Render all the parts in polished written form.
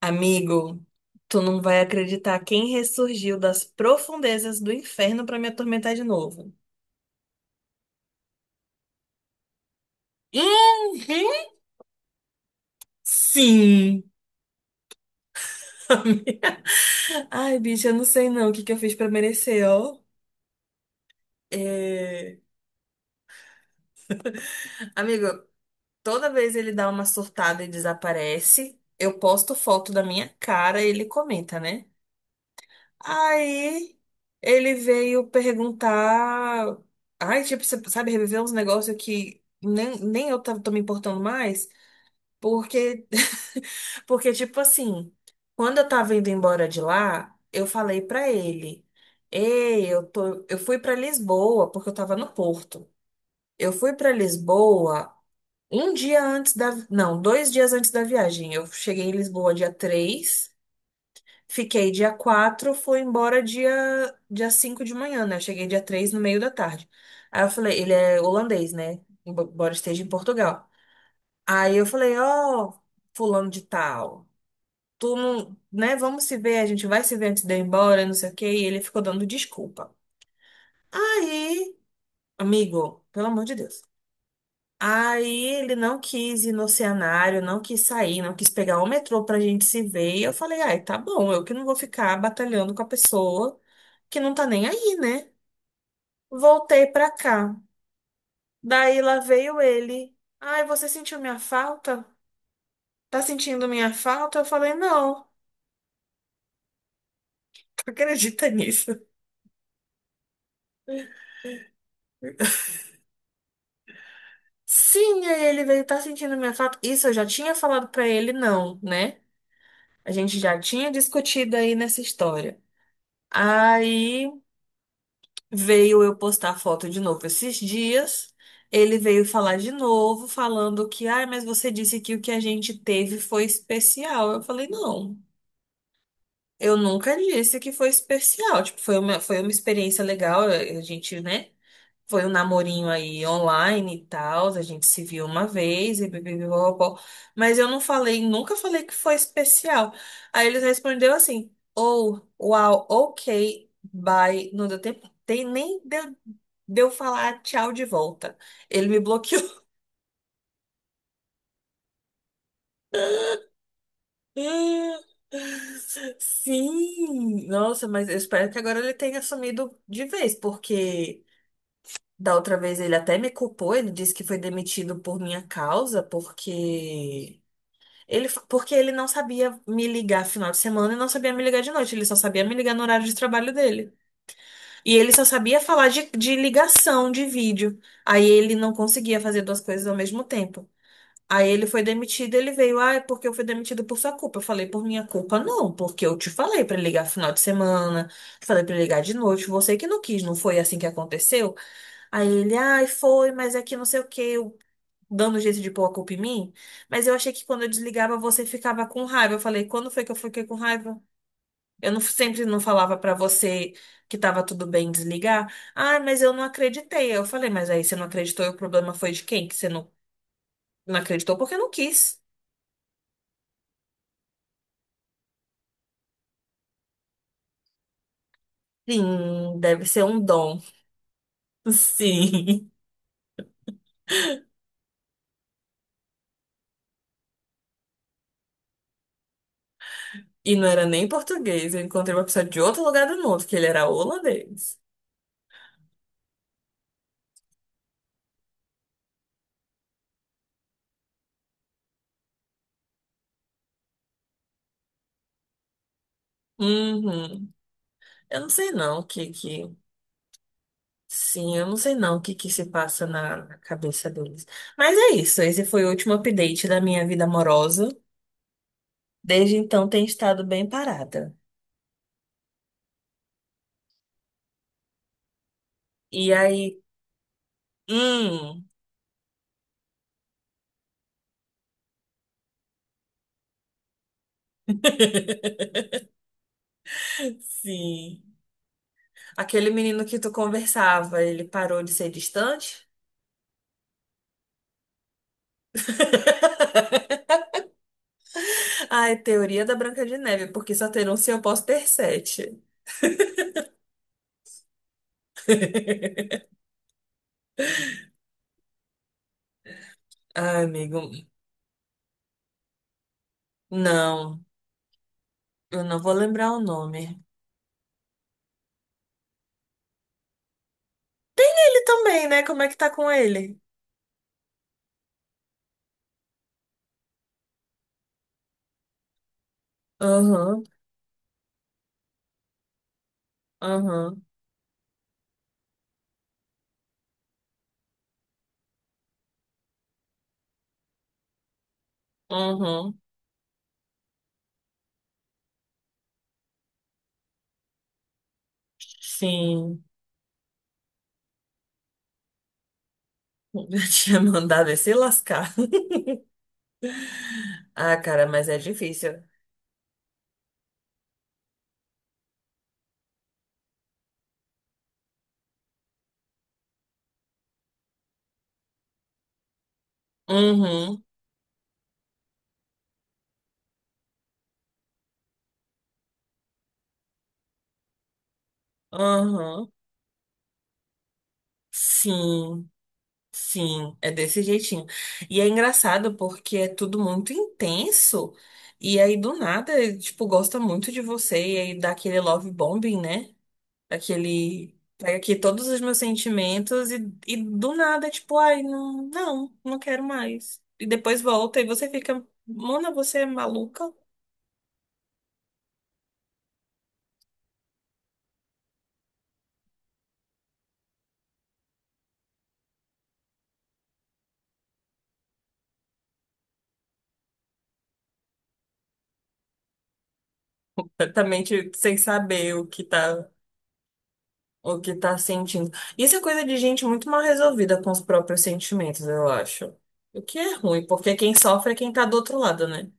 Amigo, tu não vai acreditar quem ressurgiu das profundezas do inferno pra me atormentar de novo. Uhum, sim. Ai, bicho, eu não sei não o que que eu fiz pra merecer, ó. É. Amigo, toda vez ele dá uma surtada e desaparece, eu posto foto da minha cara e ele comenta, né? Aí ele veio perguntar. Ai, tipo, você sabe, reviver uns negócios que nem tô me importando mais. Porque, porque, tipo assim, quando eu tava indo embora de lá, eu falei pra ele: Ei, eu fui pra Lisboa, porque eu tava no Porto. Eu fui pra Lisboa um dia antes da. Não, 2 dias antes da viagem. Eu cheguei em Lisboa dia 3. Fiquei dia 4, fui embora dia 5 de manhã, né? Eu cheguei dia 3 no meio da tarde. Aí eu falei, ele é holandês, né? Embora esteja em Portugal. Aí eu falei, ó, fulano de tal, tu não, né? Vamos se ver, a gente vai se ver antes de eu ir embora, não sei o quê. E ele ficou dando desculpa. Aí, amigo, pelo amor de Deus. Aí ele não quis ir no cenário, não quis sair, não quis pegar o metrô pra gente se ver. E eu falei, ai, tá bom, eu que não vou ficar batalhando com a pessoa que não tá nem aí, né? Voltei pra cá. Daí lá veio ele. Ai, você sentiu minha falta? Tá sentindo minha falta? Eu falei, não, tu acredita nisso? Sim, aí ele veio, tá sentindo minha falta? Isso eu já tinha falado pra ele, não, né? A gente já tinha discutido aí nessa história. Aí veio eu postar a foto de novo esses dias. Ele veio falar de novo, falando que, ai, mas você disse que o que a gente teve foi especial. Eu falei, não. Eu nunca disse que foi especial. Tipo, foi uma experiência legal. A gente, né? Foi um namorinho aí online e tal. A gente se viu uma vez e bibibibobó. Mas eu não falei, nunca falei que foi especial. Aí eles respondeu assim: Oh, uau, ok, bye. Não deu tempo, nem deu falar tchau de volta. Ele me bloqueou. Sim, nossa, mas eu espero que agora ele tenha assumido de vez, porque. Da outra vez ele até me culpou, ele disse que foi demitido por minha causa, porque ele não sabia me ligar final de semana e não sabia me ligar de noite, ele só sabia me ligar no horário de trabalho dele. E ele só sabia falar de ligação, de vídeo. Aí ele não conseguia fazer duas coisas ao mesmo tempo. Aí ele foi demitido, ele veio, ah, é porque eu fui demitido por sua culpa. Eu falei, por minha culpa não, porque eu te falei pra ligar final de semana, te falei pra ligar de noite, você que não quis, não foi assim que aconteceu? Aí ele, ai, foi, mas é que não sei o quê, eu dando jeito de pôr a culpa em mim. Mas eu achei que quando eu desligava você ficava com raiva. Eu falei, quando foi que eu fiquei com raiva? Eu não, sempre não falava pra você que tava tudo bem desligar. Ai, mas eu não acreditei. Eu falei, mas aí você não acreditou e o problema foi de quem? Que você não, não acreditou porque não quis. Sim, deve ser um dom. Sim. E não era nem português. Eu encontrei uma pessoa de outro lugar do mundo, que ele era holandês. Uhum. Eu não sei não o que que. Sim, eu não sei não o que que se passa na cabeça deles. Mas é isso, esse foi o último update da minha vida amorosa. Desde então tem estado bem parada. E aí, hum, sim. Aquele menino que tu conversava, ele parou de ser distante? Ai, teoria da Branca de Neve, porque só ter um se eu posso ter sete. Ai, amigo, não, eu não vou lembrar o nome. Ele também, né? Como é que tá com ele? Aham, aham, aham. Sim, eu tinha mandado ele se lascar. Ah, cara, mas é difícil. Uhum, uhum. Sim, sim, é desse jeitinho. E é engraçado porque é tudo muito intenso. E aí, do nada, ele, tipo, gosta muito de você. E aí dá aquele love bombing, né? Aquele. Pega aqui todos os meus sentimentos e do nada, tipo, ai, não, não, não quero mais. E depois volta e você fica, Mona, você é maluca? Completamente sem saber o que tá sentindo. Isso é coisa de gente muito mal resolvida com os próprios sentimentos, eu acho. O que é ruim, porque quem sofre é quem tá do outro lado, né?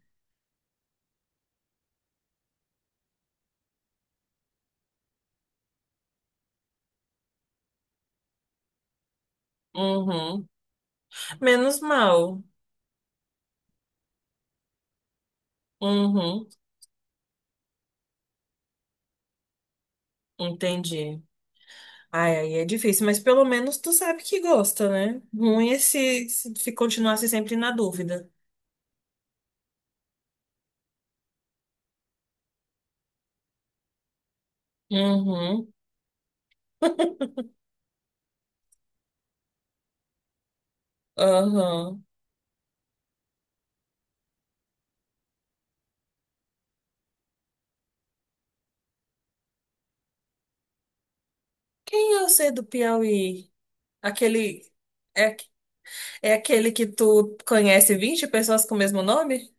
Uhum. Menos mal. Uhum. Entendi. Ai, aí é difícil, mas pelo menos tu sabe que gosta, né? Ruim é se continuasse sempre na dúvida. Uhum. Aham. Quem é o C do Piauí? Aquele. É, é aquele que tu conhece 20 pessoas com o mesmo nome?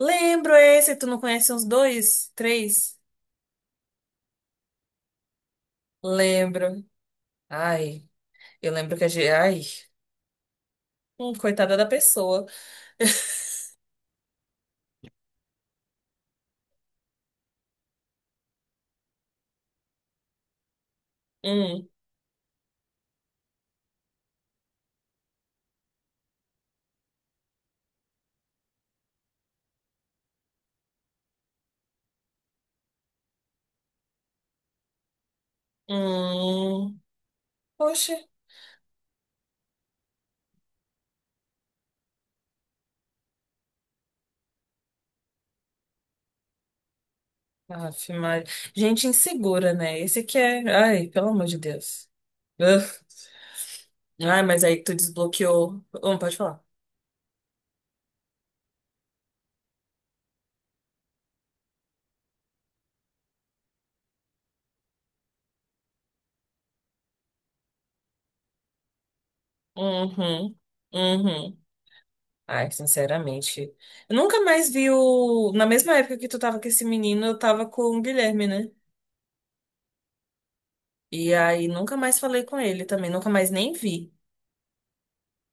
Lembro esse, tu não conhece uns dois, três? Lembro. Ai, eu lembro que a gente. Ai, coitada da pessoa. Hum, hum. Oxe. Aff, Maria. Gente insegura, né? Esse aqui é. Ai, pelo amor de Deus. Ugh. Ai, mas aí tu desbloqueou. Pode falar. Uhum, uhum. Ai, sinceramente. Eu nunca mais vi o. Na mesma época que tu tava com esse menino, eu tava com o Guilherme, né? E aí nunca mais falei com ele também, nunca mais nem vi.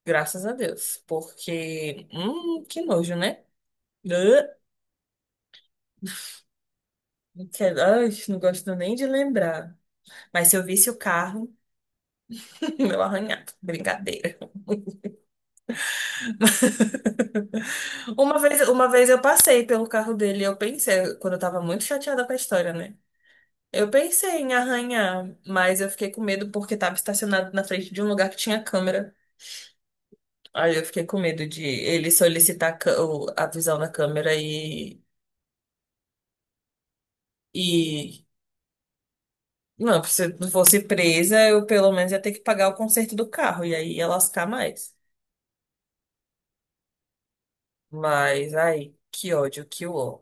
Graças a Deus. Porque. Que nojo, né? Ah, Ai, não gosto nem de lembrar. Mas se eu visse o carro, meu arranhado. Brincadeira. Uma vez eu passei pelo carro dele e eu pensei, quando eu tava muito chateada com a história, né? Eu pensei em arranhar, mas eu fiquei com medo porque estava estacionado na frente de um lugar que tinha câmera. Aí eu fiquei com medo de ele solicitar a visão da câmera e... Não, se eu fosse presa, eu pelo menos ia ter que pagar o conserto do carro, e aí ia lascar mais. Mas, ai, que ódio, que ó.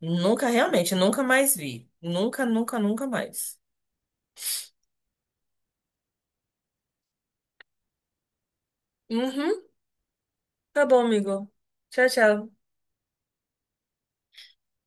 Nunca, realmente, nunca mais vi. Nunca, nunca, nunca mais. Uhum, tá bom, amigo. Tchau, tchau.